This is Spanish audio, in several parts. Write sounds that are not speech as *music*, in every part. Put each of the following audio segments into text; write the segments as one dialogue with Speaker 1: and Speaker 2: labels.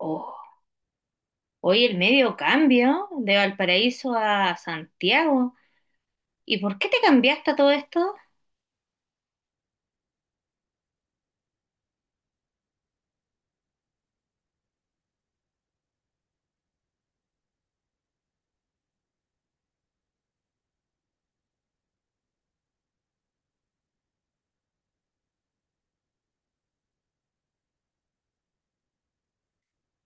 Speaker 1: Oh, hoy el medio cambio de Valparaíso a Santiago. ¿Y por qué te cambiaste a todo esto?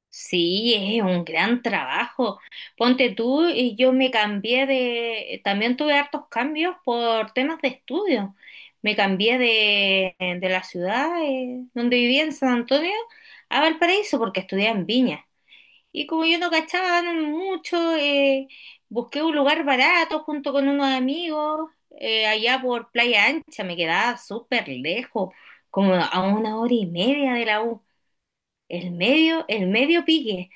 Speaker 1: Sí, es un gran trabajo. Ponte tú y yo me cambié de... También tuve hartos cambios por temas de estudio. Me cambié de la ciudad donde vivía en San Antonio a Valparaíso porque estudié en Viña. Y como yo no cachaba no mucho, busqué un lugar barato junto con unos amigos, allá por Playa Ancha, me quedaba súper lejos, como a una hora y media de la U. El medio pique.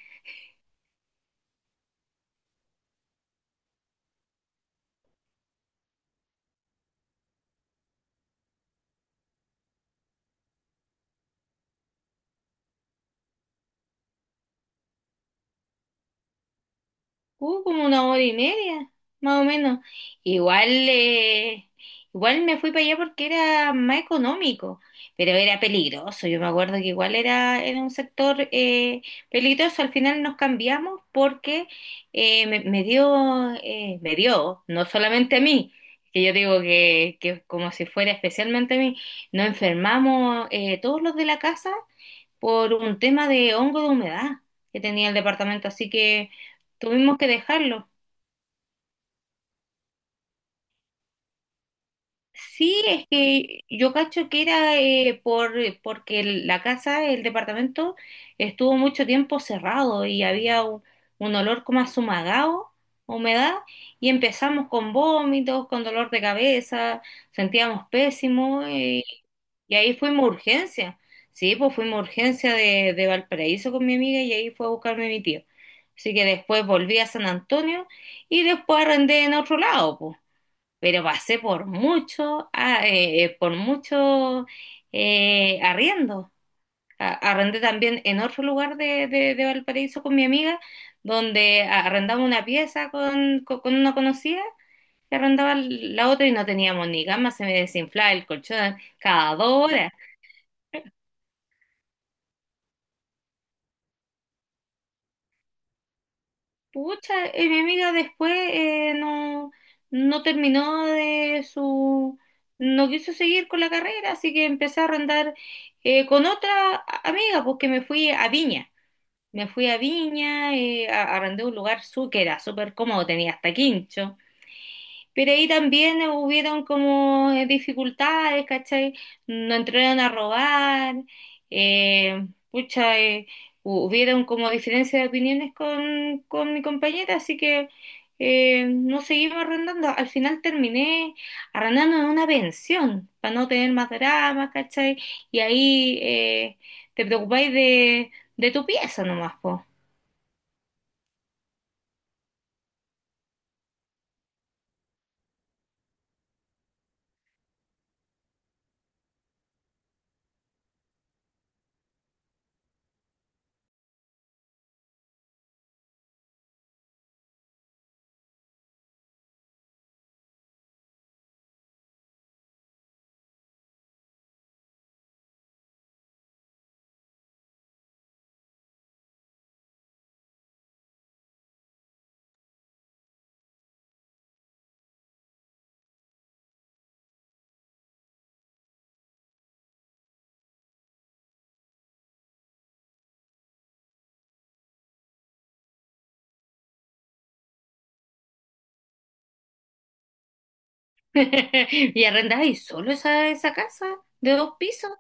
Speaker 1: Como una hora y media, más o menos. Igual, igual me fui para allá porque era más económico, pero era peligroso. Yo me acuerdo que igual era un sector peligroso. Al final nos cambiamos porque me dio, no solamente a mí, que yo digo que como si fuera especialmente a mí, nos enfermamos todos los de la casa por un tema de hongo de humedad que tenía el departamento, así que tuvimos que dejarlo. Sí, es que yo cacho que era porque la casa, el departamento, estuvo mucho tiempo cerrado y había un olor como a sumagado, humedad, y empezamos con vómitos, con dolor de cabeza, sentíamos pésimo eh. Y ahí fuimos a urgencia. Sí, pues fuimos a urgencia de Valparaíso con mi amiga y ahí fue a buscarme mi tío. Así que después volví a San Antonio y después arrendé en otro lado, pues. Pero pasé por mucho, por mucho arriendo. Arrendé también en otro lugar de Valparaíso con mi amiga, donde arrendaba una pieza con una conocida y arrendaba la otra y no teníamos ni cama, se me desinflaba el colchón cada dos horas. Pucha, mi amiga después no, no terminó de su, no quiso seguir con la carrera, así que empecé a arrendar con otra amiga, porque me fui a Viña. Me fui a Viña, arrendé un lugar su, que era súper cómodo, tenía hasta quincho. Pero ahí también hubieron como dificultades, ¿cachai? No entraron a robar, eh, pucha, eh, hubieron como diferencias de opiniones con mi compañera, así que no seguimos arrendando. Al final terminé arrendando en una pensión, para no tener más dramas, ¿cachai? Y ahí te preocupáis de tu pieza nomás, po. *laughs* Y arrendáis solo esa, esa casa de dos pisos,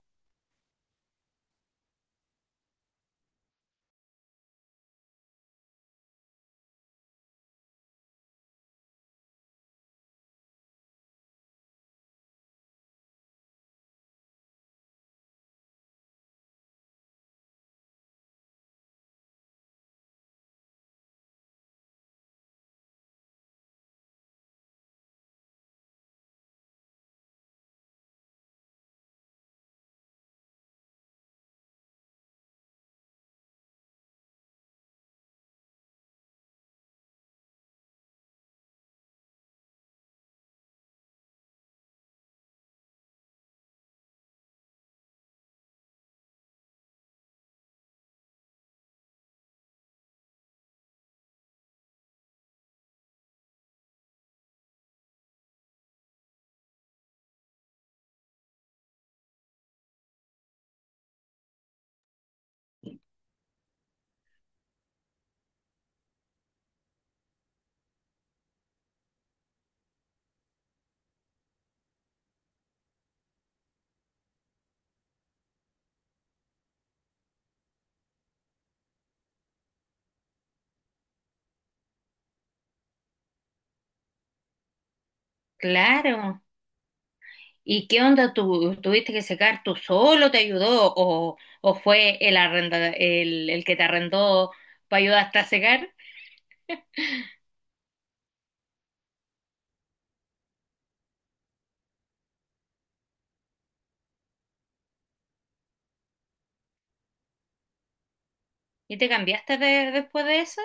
Speaker 1: claro. ¿Y qué onda? ¿Tú tuviste que secar tú solo? ¿Te ayudó? O fue el que te arrendó para ayudarte a secar? ¿Y te cambiaste de- después de eso?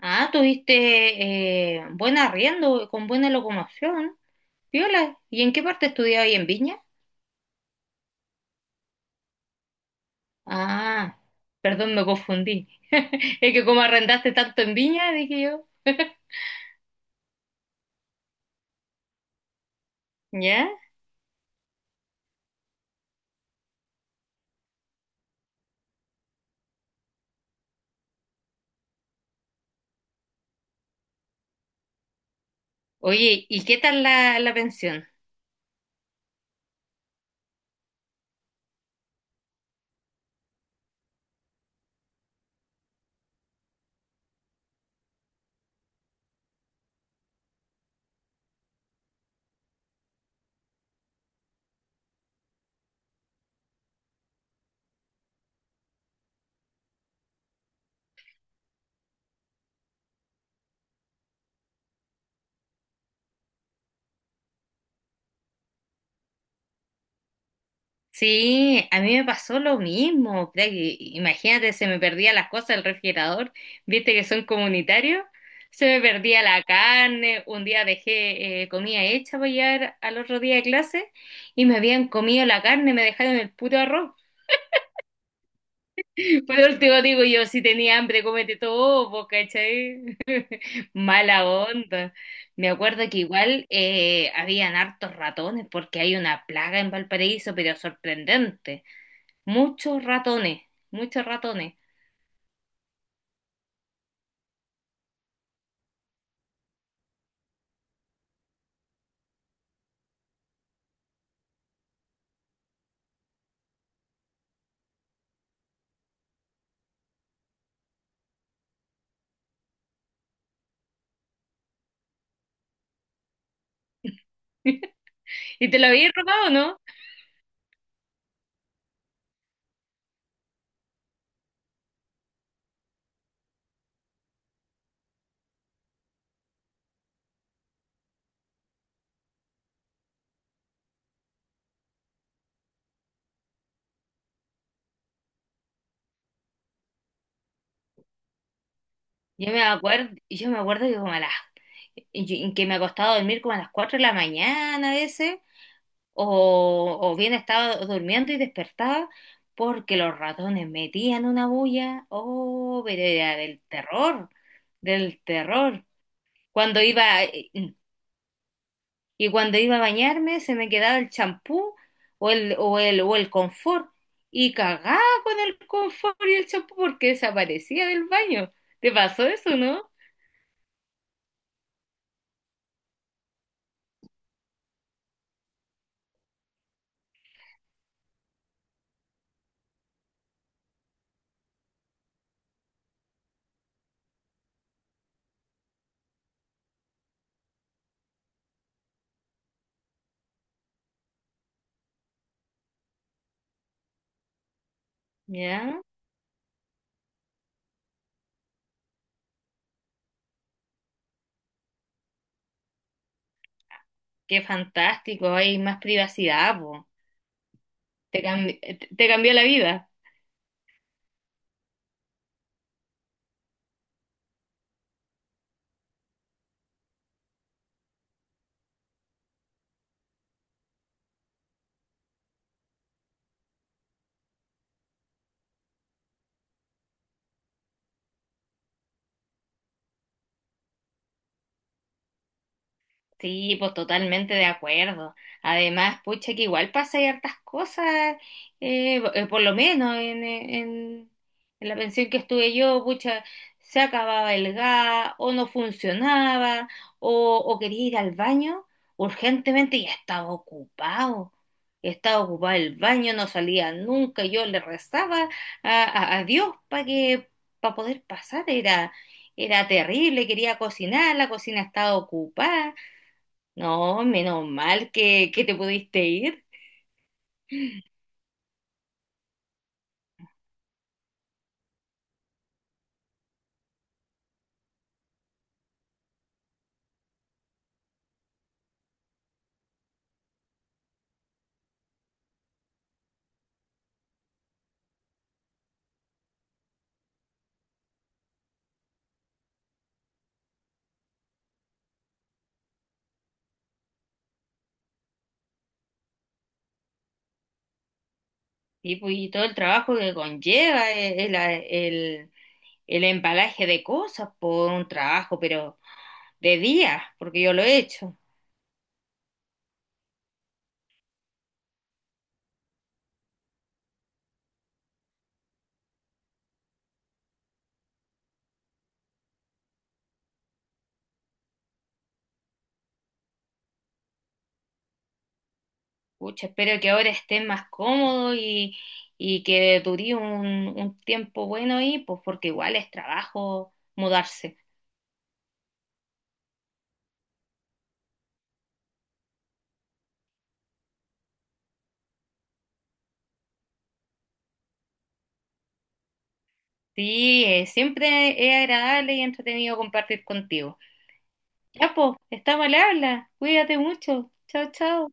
Speaker 1: Ah, tuviste buen arriendo, con buena locomoción. Viola, ¿y en qué parte estudiabas ahí en Viña? Ah, perdón, me confundí. *laughs* Es que como arrendaste tanto en Viña, dije yo. *laughs* ¿Ya? Oye, ¿y qué tal la pensión? Sí, a mí me pasó lo mismo. Puta que... Imagínate, se me perdían las cosas del refrigerador, viste que son comunitarios, se me perdía la carne, un día dejé comida hecha para llevar al otro día de clase y me habían comido la carne, me dejaron el puto arroz. *laughs* Por último digo yo, si tenía hambre, cómete todo, po, ¿cachai? *laughs* Mala onda. Me acuerdo que igual habían hartos ratones porque hay una plaga en Valparaíso, pero sorprendente. Muchos ratones, muchos ratones. *laughs* ¿Y te lo habías robado o no? Yo me acuerdo que como a las, que me ha costado dormir como a las 4 de la mañana a veces, o bien estaba durmiendo y despertaba porque los ratones metían una bulla. Oh, pero era del terror, del terror. Cuando iba, Y cuando iba a bañarme se me quedaba el champú o el confort. Y cagaba con el confort y el champú porque desaparecía del baño. ¿Te pasó eso, no? Ya, qué fantástico, hay más privacidad, po. Te cambió la vida. Sí, pues totalmente de acuerdo. Además, pucha, que igual pasa hay hartas cosas, por lo menos en, en la pensión que estuve yo, pucha, se acababa el gas, o no funcionaba, o quería ir al baño urgentemente y estaba ocupado. Estaba ocupado el baño, no salía nunca. Yo le rezaba a Dios para poder pasar. Era terrible, quería cocinar, la cocina estaba ocupada. No, menos mal que te pudiste ir. Sí, pues, y todo el trabajo que conlleva el embalaje de cosas por un trabajo, pero de día, porque yo lo he hecho. Pucha, espero que ahora estés más cómodo y que dure un tiempo bueno ahí, pues porque igual es trabajo mudarse. Sí, siempre es agradable y entretenido compartir contigo. Ya, pues, estamos al habla. Cuídate mucho. Chao, chao.